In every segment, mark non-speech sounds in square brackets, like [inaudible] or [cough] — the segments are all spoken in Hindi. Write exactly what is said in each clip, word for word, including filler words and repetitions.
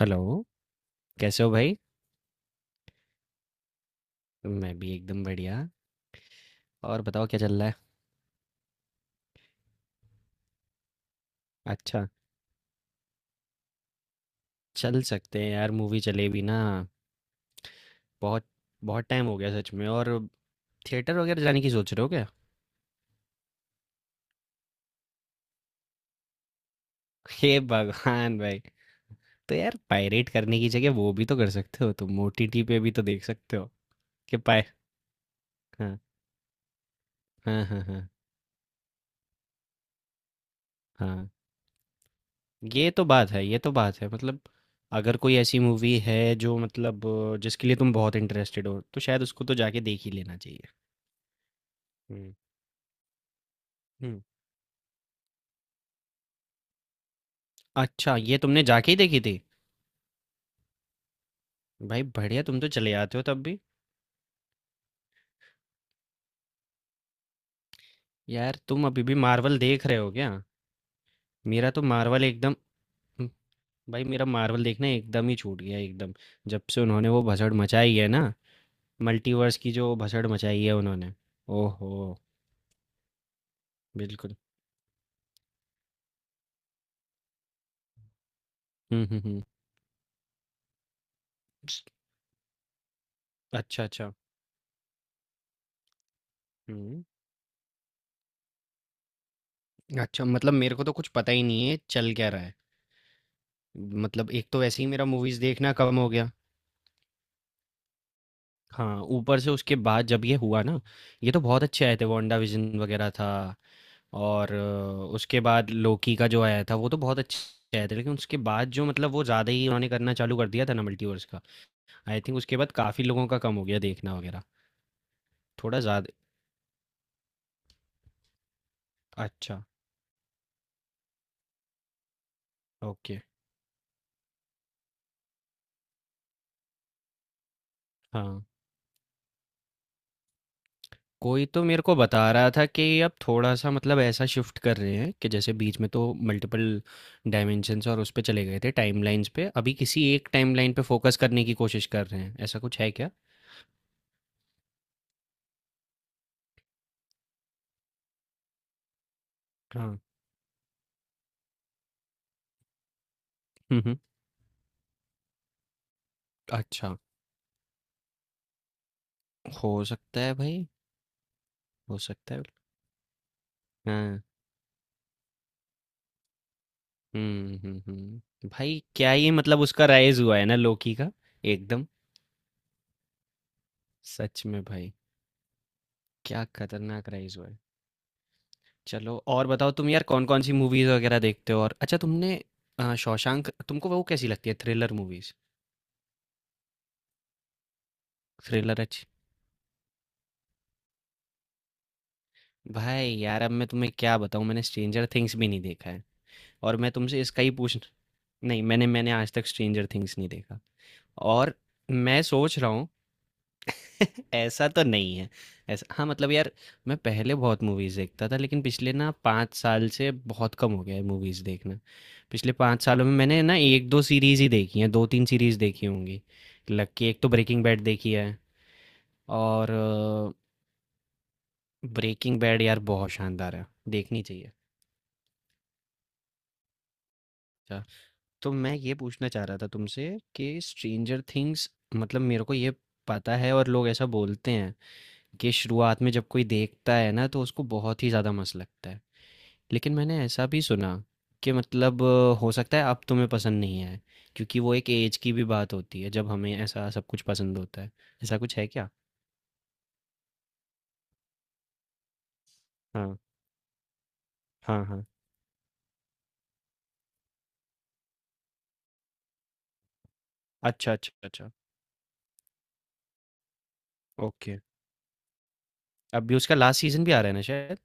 हेलो। कैसे हो भाई? मैं भी एकदम बढ़िया। और बताओ क्या चल रहा है? अच्छा, चल सकते हैं यार, मूवी चले भी ना, बहुत बहुत टाइम हो गया सच में। और थिएटर वगैरह जाने की सोच रहे हो क्या? [laughs] हे भगवान भाई। तो यार पायरेट करने की जगह वो भी तो कर सकते हो, तुम ओटीटी पे भी तो देख सकते हो। कि पाय हाँ हाँ हाँ। हाँ हाँ। ये तो बात है, ये तो बात है। मतलब अगर कोई ऐसी मूवी है जो मतलब अ, जिसके लिए तुम बहुत इंटरेस्टेड हो, तो शायद उसको तो जाके देख ही लेना चाहिए। हम्म। अच्छा, ये तुमने जाके ही देखी थी? भाई बढ़िया, तुम तो चले आते हो तब भी। यार तुम अभी भी मार्वल देख रहे हो क्या? मेरा तो मार्वल एकदम। हम्म, भाई मेरा मार्वल देखना एकदम ही छूट गया एकदम। जब से उन्होंने वो भसड़ मचाई है ना, मल्टीवर्स की जो भसड़ मचाई है उन्होंने। ओहो, बिल्कुल। हुँ, हुँ, हुँ। अच्छा, अच्छा। हुँ। अच्छा, मतलब मेरे को तो कुछ पता ही नहीं है चल क्या रहा है। मतलब एक तो वैसे ही मेरा मूवीज़ देखना कम हो गया। हाँ, ऊपर से उसके बाद जब ये हुआ ना, ये तो बहुत अच्छे आए थे, वांडा विजन वगैरह था। और अ, उसके बाद लोकी का जो आया था वो तो बहुत अच्छे आए थे, लेकिन उसके बाद जो मतलब वो ज़्यादा ही उन्होंने करना चालू कर दिया था ना मल्टीवर्स का। आई थिंक उसके बाद काफ़ी लोगों का कम हो गया देखना वगैरह, थोड़ा ज़्यादा। अच्छा। ओके। हाँ। कोई तो मेरे को बता रहा था कि अब थोड़ा सा मतलब ऐसा शिफ्ट कर रहे हैं कि जैसे बीच में तो मल्टीपल डायमेंशंस और उस पे चले गए थे, टाइमलाइंस पे, अभी किसी एक टाइमलाइन पे फोकस करने की कोशिश कर रहे हैं, ऐसा कुछ है क्या? हाँ। हम्म हम्म। अच्छा। हो सकता है भाई। हो सकता है। हाँ, हम्म हम्म हम्म। भाई क्या ये मतलब उसका राइज हुआ है ना लोकी का। एकदम। सच में भाई। क्या खतरनाक राइज हुआ है। चलो और बताओ तुम यार कौन कौन सी मूवीज वगैरह देखते हो। और अच्छा, तुमने अ, शौशांक, तुमको वो कैसी लगती है, थ्रिलर मूवीज? थ्रिलर अच्छी। भाई यार अब मैं तुम्हें क्या बताऊँ, मैंने स्ट्रेंजर थिंग्स भी नहीं देखा है। और मैं तुमसे इसका ही पूछ, नहीं मैंने मैंने आज तक स्ट्रेंजर थिंग्स नहीं देखा। और मैं सोच रहा हूँ। [laughs] ऐसा तो नहीं है। ऐसा, हाँ मतलब यार मैं पहले बहुत मूवीज़ देखता था लेकिन पिछले ना पाँच साल से बहुत कम हो गया है मूवीज़ देखना। पिछले पाँच सालों में मैंने ना एक दो सीरीज़ ही देखी हैं, दो तीन सीरीज़ देखी होंगी। लकी एक तो ब्रेकिंग बैड देखी है। और ब्रेकिंग बैड यार बहुत शानदार है, देखनी चाहिए। अच्छा, तो मैं ये पूछना चाह रहा था तुमसे कि स्ट्रेंजर थिंग्स, मतलब मेरे को ये पता है और लोग ऐसा बोलते हैं कि शुरुआत में जब कोई देखता है ना तो उसको बहुत ही ज़्यादा मस्त लगता है, लेकिन मैंने ऐसा भी सुना कि मतलब अ, हो सकता है अब तुम्हें पसंद नहीं आए, क्योंकि वो एक एज की भी बात होती है जब हमें ऐसा सब कुछ पसंद होता है, ऐसा कुछ है क्या? हाँ हाँ हाँ। अच्छा अच्छा अच्छा। ओके। अभी उसका लास्ट सीजन भी आ रहा है ना शायद।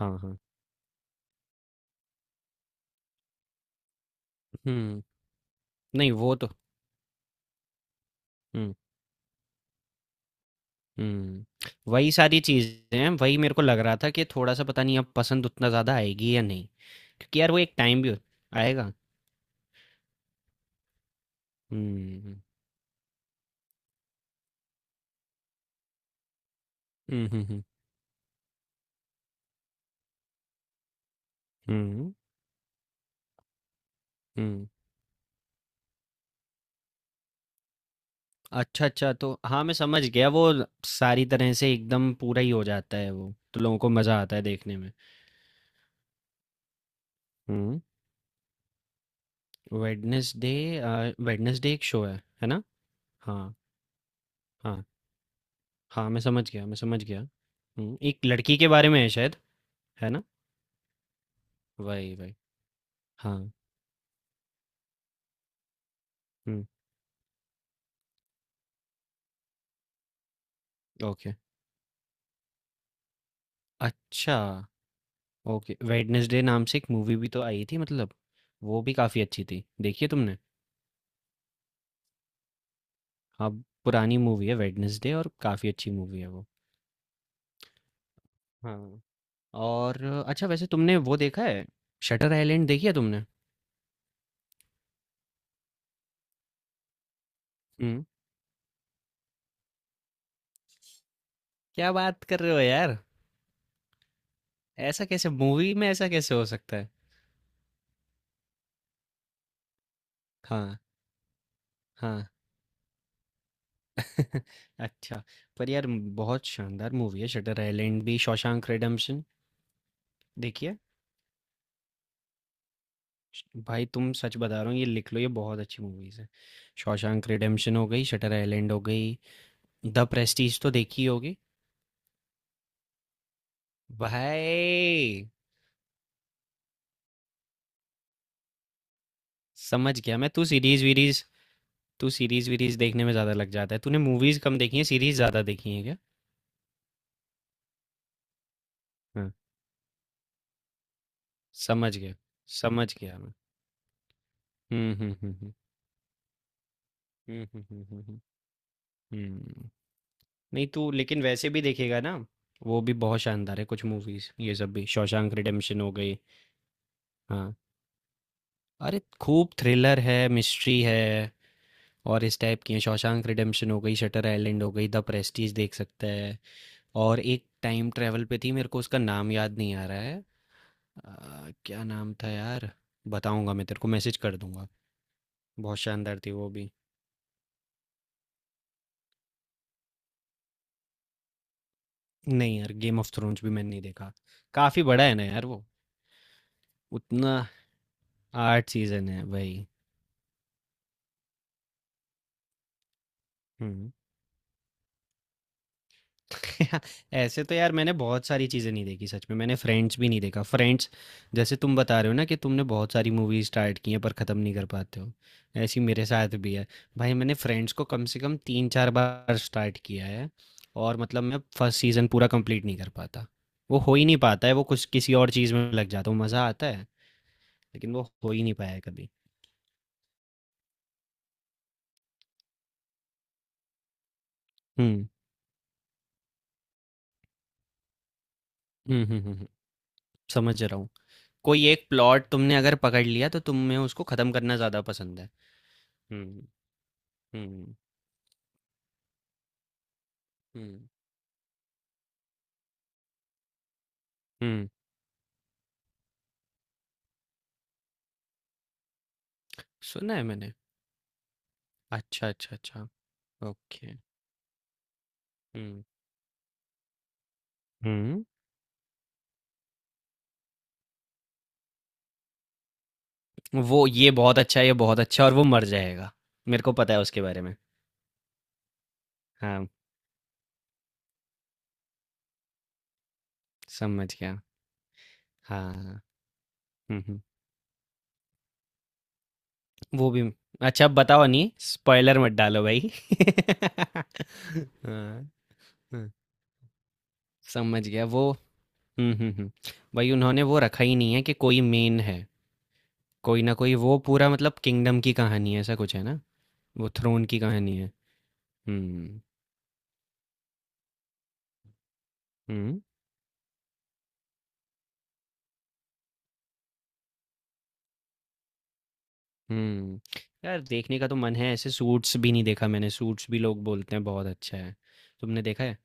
हाँ हाँ। हम्म। नहीं, वो तो। हम्म हम्म। वही सारी चीज़ें हैं, वही मेरे को लग रहा था कि थोड़ा सा पता नहीं अब पसंद उतना ज़्यादा आएगी या नहीं। क्योंकि यार वो एक टाइम भी हो- आएगा। हम्म हम्म हम्म हम्म हम्म हम्म, अच्छा, अच्छा, तो हाँ, मैं समझ गया, वो सारी तरह से एकदम पूरा ही हो जाता है वो, तो लोगों को मज़ा आता है देखने में। हुँ, वेडनेसडे। अ, वेडनेसडे एक शो है, है ना? हाँ, हाँ, हाँ, मैं समझ गया, मैं समझ गया। हुँ, एक लड़की के बारे में है शायद, है ना? वही, वही, हाँ, हुँ, ओके। अच्छा, ओके, वेडनेसडे नाम से एक मूवी भी तो आई थी मतलब, वो भी काफ़ी अच्छी थी, देखी है तुमने? हाँ, पुरानी मूवी है वेडनेसडे और काफ़ी अच्छी मूवी है वो। हाँ। और अच्छा वैसे तुमने वो देखा है, शटर आइलैंड देखी है तुमने? हम्म। क्या बात कर रहे हो यार, ऐसा कैसे मूवी में ऐसा कैसे हो सकता है? हाँ हाँ। [laughs] अच्छा, पर यार म- बहुत शानदार मूवी है शटर आइलैंड भी, शॉशैंक रिडेम्पशन देखिए। श- भाई तुम सच बता रहा हो, ये लिख लो ये बहुत अच्छी मूवीज है, शॉशैंक रिडेम्पशन हो गई, शटर आइलैंड हो गई, द प्रेस्टीज तो देखी होगी। भाई। समझ गया मैं तू सीरीज वीरीज तू सीरीज़-वीरीज़ देखने में ज़्यादा लग जाता है। तूने मूवीज़ कम देखी हैं, सीरीज़ ज़्यादा देखी हैं क्या? हाँ, समझ गया, समझ गया मैं। हुँ, हुँ, हुँ, हुँ। हुँ, हुँ, हुँ, हुँ, हुँ। हुँ, नहीं तू लेकिन वैसे भी देखेगा ना, वो भी बहुत शानदार है कुछ मूवीज़, ये सब भी, शॉशैंक रिडेम्पशन हो गई। हाँ, अरे खूब थ्रिलर है, मिस्ट्री है और इस टाइप की हैं, शॉशैंक रिडेम्पशन हो गई, शटर आइलैंड हो गई, द प्रेस्टीज देख सकता है और एक टाइम ट्रैवल पे थी, मेरे को उसका नाम याद नहीं आ रहा है। आ, क्या नाम था यार, बताऊंगा मैं, तेरे को मैसेज कर दूंगा। बहुत शानदार थी वो भी। नहीं यार गेम ऑफ थ्रोन्स भी मैंने नहीं देखा, काफी बड़ा है ना यार वो, उतना। आठ सीजन है भाई। हम्म। [laughs] ऐसे तो यार मैंने बहुत सारी चीज़ें नहीं देखी सच में, मैंने फ्रेंड्स भी नहीं देखा, फ्रेंड्स। जैसे तुम बता रहे हो ना कि तुमने बहुत सारी मूवीज स्टार्ट की हैं पर ख़त्म नहीं कर पाते हो, ऐसी मेरे साथ भी है। भाई मैंने फ्रेंड्स को कम से कम तीन चार बार स्टार्ट किया है और मतलब मैं फर्स्ट सीज़न पूरा कंप्लीट नहीं कर पाता। वो हो ही नहीं पाता है वो, कुछ किसी और चीज़ में लग जाता हूँ, मज़ा आता है, लेकिन वो हो ही नहीं पाया है कभी। हम्म हम्म हम्म हम्म हम्म, समझ रहा हूँ। कोई एक प्लॉट तुमने अगर पकड़ लिया तो तुम्हें उसको ख़त्म करना ज़्यादा पसंद है। हम्म हम्म। हुँ, हुँ, सुना है मैंने। अच्छा, अच्छा, अच्छा, ओके, हुँ, हुँ। वो ये बहुत अच्छा है, ये बहुत अच्छा है और वो मर जाएगा। मेरे को पता है उसके बारे में। हाँ, समझ गया। हाँ, हाँ। हुँ, हुँ, वो भी। अच्छा अब बताओ नहीं, स्पॉइलर मत डालो भाई। [laughs] हाँ, हाँ, समझ गया वो। हुँ, हुँ, हुँ, भाई उन्होंने वो रखा ही नहीं है कि कोई मेन है, कोई ना कोई वो पूरा मतलब किंगडम की कहानी है, ऐसा कुछ है ना? वो थ्रोन की कहानी है। हुँ, हुँ। हुँ। यार देखने का तो मन है, ऐसे सूट्स भी नहीं देखा मैंने, सूट्स भी लोग बोलते हैं बहुत अच्छा है। तुमने देखा है?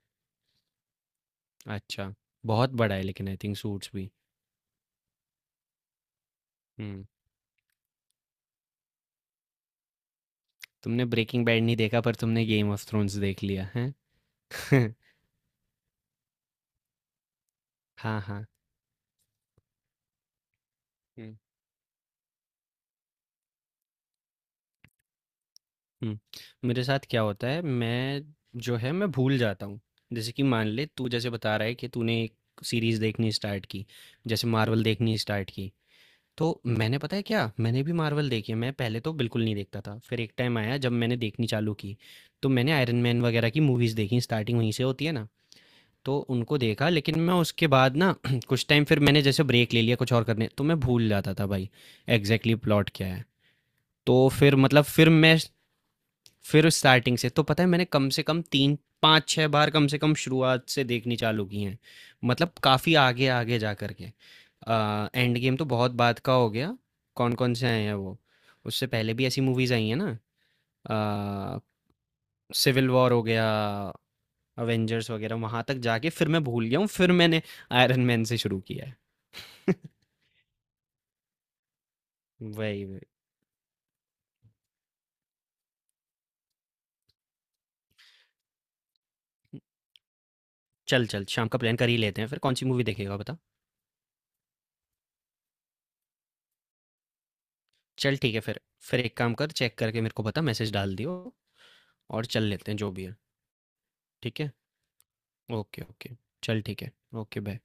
अच्छा, बहुत बड़ा है लेकिन आई थिंक सूट्स भी। हुँ, तुमने ब्रेकिंग बैड नहीं देखा पर तुमने गेम ऑफ थ्रोन्स देख लिया, हैं? [laughs] हाँ, हाँ। हुँ, हुँ। मेरे साथ क्या होता है, मैं जो है मैं भूल जाता हूँ। जैसे कि मान ले तू जैसे बता रहा है कि तूने एक सीरीज़ देखनी स्टार्ट की, जैसे मार्वल देखनी स्टार्ट की। तो मैंने पता है क्या, मैंने भी मार्वल देखी है, मैं पहले तो बिल्कुल नहीं देखता था, फिर एक टाइम आया जब मैंने देखनी चालू की, तो मैंने आयरन मैन वगैरह की मूवीज़ देखी, स्टार्टिंग वहीं से होती है ना, तो उनको देखा। लेकिन मैं उसके बाद ना [clears throat] कुछ टाइम फिर मैंने जैसे ब्रेक ले लिया कुछ और करने, तो मैं भूल जाता था भाई एग्जैक्टली प्लॉट क्या है। तो फिर मतलब फिर मैं फिर स्टार्टिंग से तो पता है मैंने कम से कम तीन, पाँच, छह बार कम से कम शुरुआत से देखनी चालू की हैं। मतलब काफ़ी आगे, आगे जा कर के। अ, एंड गेम तो बहुत बाद का हो गया, कौन-कौन से आए हैं वो। उससे पहले भी ऐसी मूवीज़ आई हैं ना, अ, सिविल वॉर हो गया, अवेंजर्स वगैरह, वहाँ तक जाके फिर मैं भूल गया हूँ, फिर मैंने आयरन मैन से शुरू किया है। [laughs] वही, वही। चल, चल शाम का प्लान कर ही लेते हैं फिर, कौन-सी मूवी देखेगा बता? चल ठीक है फिर। फिर एक काम कर, चेक करके मेरे को बता, मैसेज डाल दियो। और चल लेते हैं जो भी है, ठीक है? Okay, okay. चल ठीक है, ओके बाय।